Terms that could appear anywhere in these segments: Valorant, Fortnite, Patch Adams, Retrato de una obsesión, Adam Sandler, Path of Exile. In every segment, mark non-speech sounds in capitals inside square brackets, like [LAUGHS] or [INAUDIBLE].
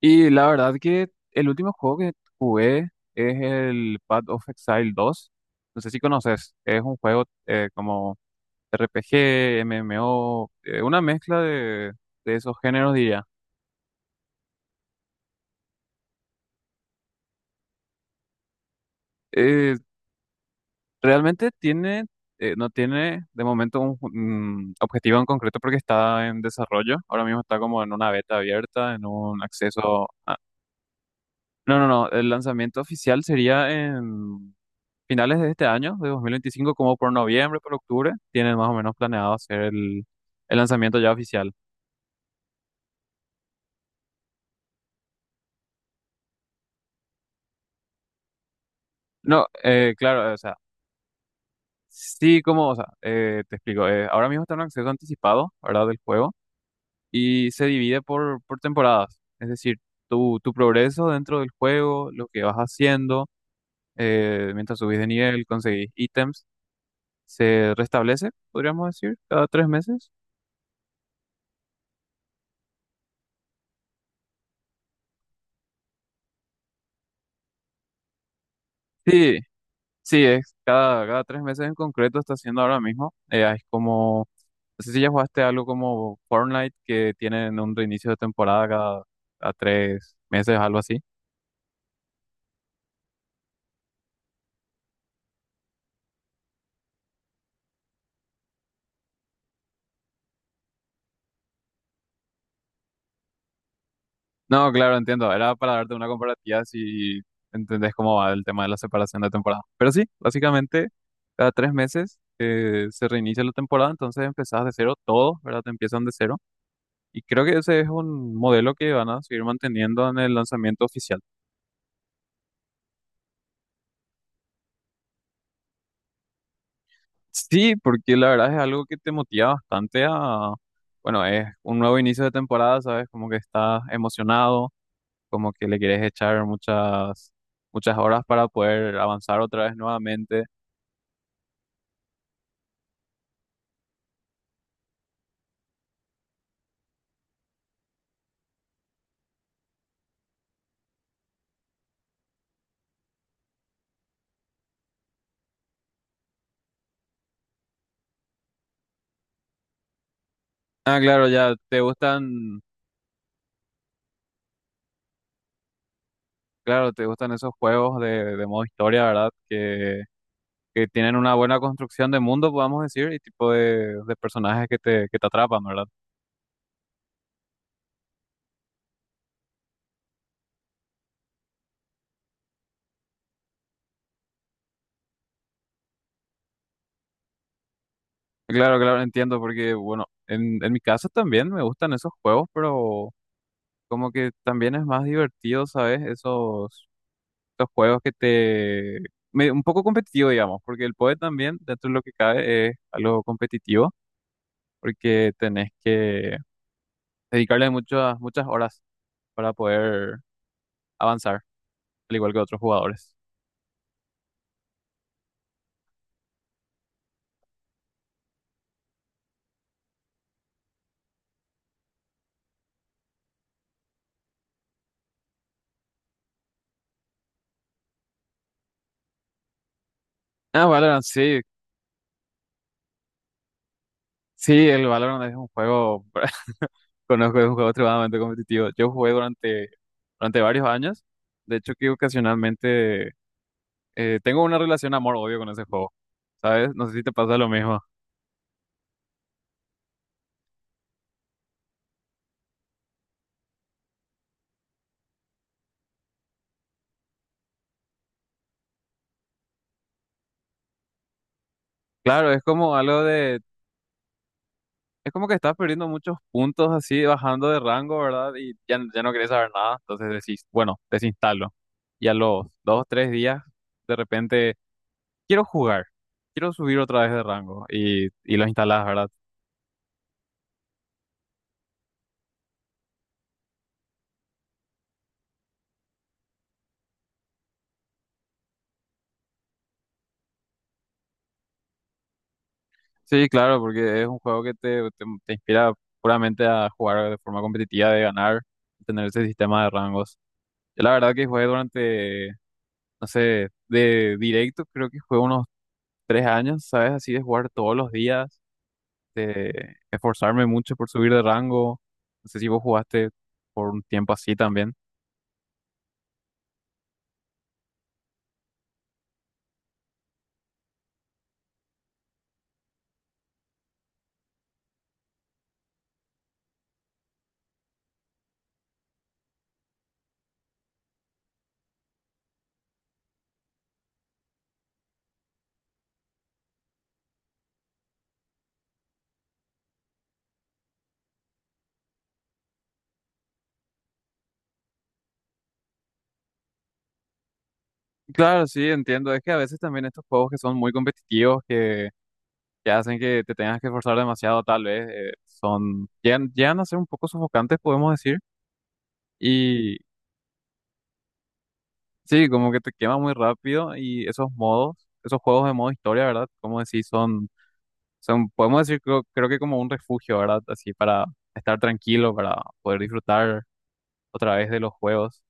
Y la verdad que el último juego que jugué es el Path of Exile dos. No sé si conoces, es un juego como RPG, MMO, una mezcla de esos géneros diría. Eh, Realmente tiene, no tiene de momento un objetivo en concreto porque está en desarrollo. Ahora mismo está como en una beta abierta, en un no, no, no, el lanzamiento oficial sería en finales de este año, de 2025, como por noviembre, por octubre, tienen más o menos planeado hacer el lanzamiento ya oficial. No, claro, o sea, sí, como, o sea, te explico, ahora mismo está en un acceso anticipado, ¿verdad?, del juego, y se divide por temporadas, es decir, tu progreso dentro del juego, lo que vas haciendo, mientras subís de nivel, conseguís ítems, se restablece, podríamos decir, cada 3 meses. Sí. Sí, es cada 3 meses en concreto está haciendo ahora mismo. Es como, no sé si ya jugaste algo como Fortnite que tienen un reinicio de temporada cada 3 meses, algo así. No, claro, entiendo. Era para darte una comparativa si entendés cómo va el tema de la separación de temporada. Pero sí, básicamente cada 3 meses se reinicia la temporada, entonces empezás de cero todo, ¿verdad? Te empiezan de cero. Y creo que ese es un modelo que van a seguir manteniendo en el lanzamiento oficial. Sí, porque la verdad es algo que te motiva bastante a, bueno, es un nuevo inicio de temporada, ¿sabes? Como que estás emocionado, como que le quieres echar muchas, muchas horas para poder avanzar otra vez nuevamente. Ah, claro, ya te gustan, claro, te gustan esos juegos de modo historia, ¿verdad? Que tienen una buena construcción de mundo, podamos decir, y tipo de personajes que te atrapan, ¿verdad? Claro, claro, entiendo, porque, bueno, en mi caso también me gustan esos juegos, pero... Como que también es más divertido, ¿sabes? Esos, esos juegos que te... un poco competitivo, digamos, porque el PoE también, dentro de lo que cabe, es algo competitivo, porque tenés que dedicarle muchas, muchas horas para poder avanzar, al igual que otros jugadores. Ah, Valorant, sí. Sí, el Valorant es un juego, [LAUGHS] conozco, es un juego extremadamente competitivo. Yo jugué durante, durante varios años. De hecho, que ocasionalmente tengo una relación amor-odio con ese juego, ¿sabes? No sé si te pasa lo mismo. Claro, es como algo de, es como que estás perdiendo muchos puntos así, bajando de rango, ¿verdad? Y ya, ya no querés saber nada, entonces decís, bueno, desinstalo. Y a los dos, tres días, de repente, quiero jugar, quiero subir otra vez de rango y lo instalás, ¿verdad? Sí, claro, porque es un juego que te inspira puramente a jugar de forma competitiva, de ganar, tener ese sistema de rangos. Yo la verdad que jugué durante, no sé, de directo, creo que jugué unos 3 años, ¿sabes? Así de jugar todos los días este, esforzarme mucho por subir de rango. No sé si vos jugaste por un tiempo así también. Claro, sí, entiendo. Es que a veces también estos juegos que son muy competitivos, que hacen que te tengas que esforzar demasiado, tal vez, son, llegan, llegan a ser un poco sofocantes, podemos decir. Y sí, como que te quema muy rápido y esos modos, esos juegos de modo historia, ¿verdad? Como decís, son, son, podemos decir, creo, creo que como un refugio, ¿verdad? Así para estar tranquilo, para poder disfrutar otra vez de los juegos.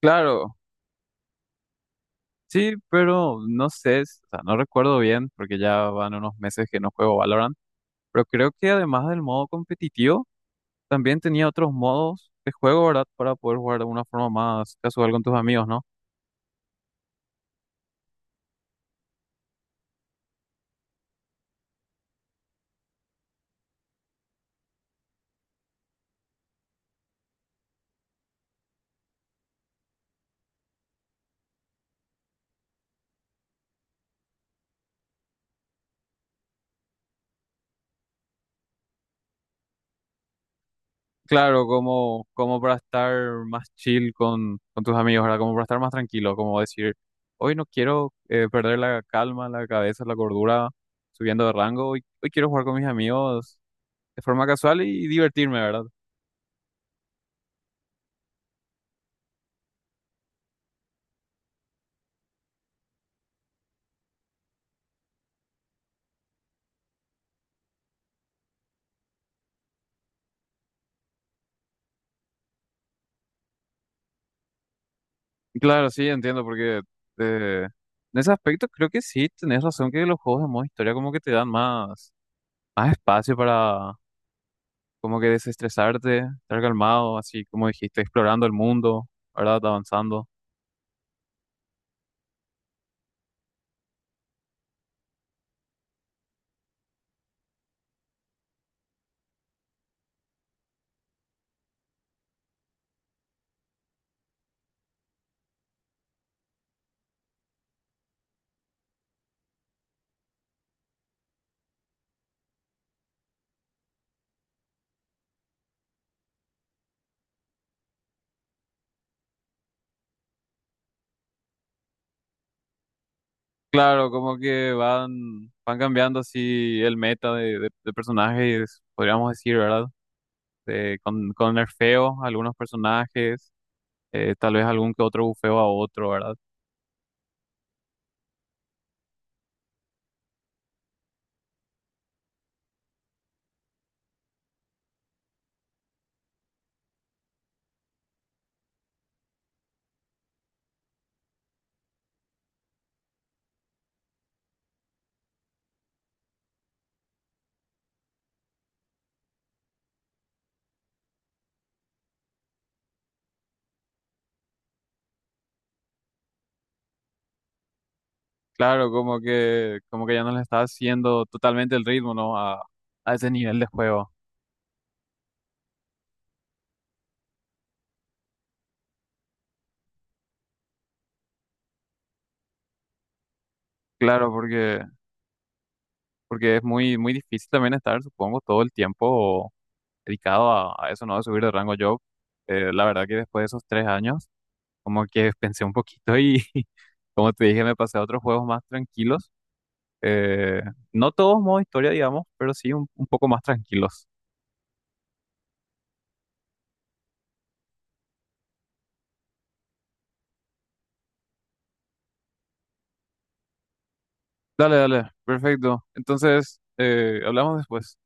Claro. Sí, pero no sé, o sea, no recuerdo bien porque ya van unos meses que no juego Valorant, pero creo que además del modo competitivo, también tenía otros modos de juego, ¿verdad? Para poder jugar de una forma más casual con tus amigos, ¿no? Claro, como, como para estar más chill con tus amigos, ¿verdad? Como para estar más tranquilo, como decir, hoy no quiero perder la calma, la cabeza, la cordura subiendo de rango, hoy, hoy quiero jugar con mis amigos de forma casual y divertirme, ¿verdad? Claro, sí, entiendo, porque eh, en ese aspecto creo que sí tenés razón que los juegos de modo historia como que te dan más, más espacio para como que desestresarte, estar calmado, así como dijiste, explorando el mundo, ¿verdad? Avanzando. Claro, como que van, van cambiando así el meta de personajes, podríamos decir, ¿verdad? Con nerfeos a algunos personajes, tal vez algún que otro bufeo a otro, ¿verdad? Claro, como que ya no le está haciendo totalmente el ritmo, ¿no? A ese nivel de juego. Claro, porque, porque es muy, muy difícil también estar, supongo, todo el tiempo dedicado a eso, ¿no? De subir de rango. Yo, la verdad que después de esos 3 años, como que pensé un poquito y, [LAUGHS] como te dije, me pasé a otros juegos más tranquilos. Eh, no todos modo historia, digamos, pero sí un poco más tranquilos. Dale, dale, perfecto. Entonces, hablamos después.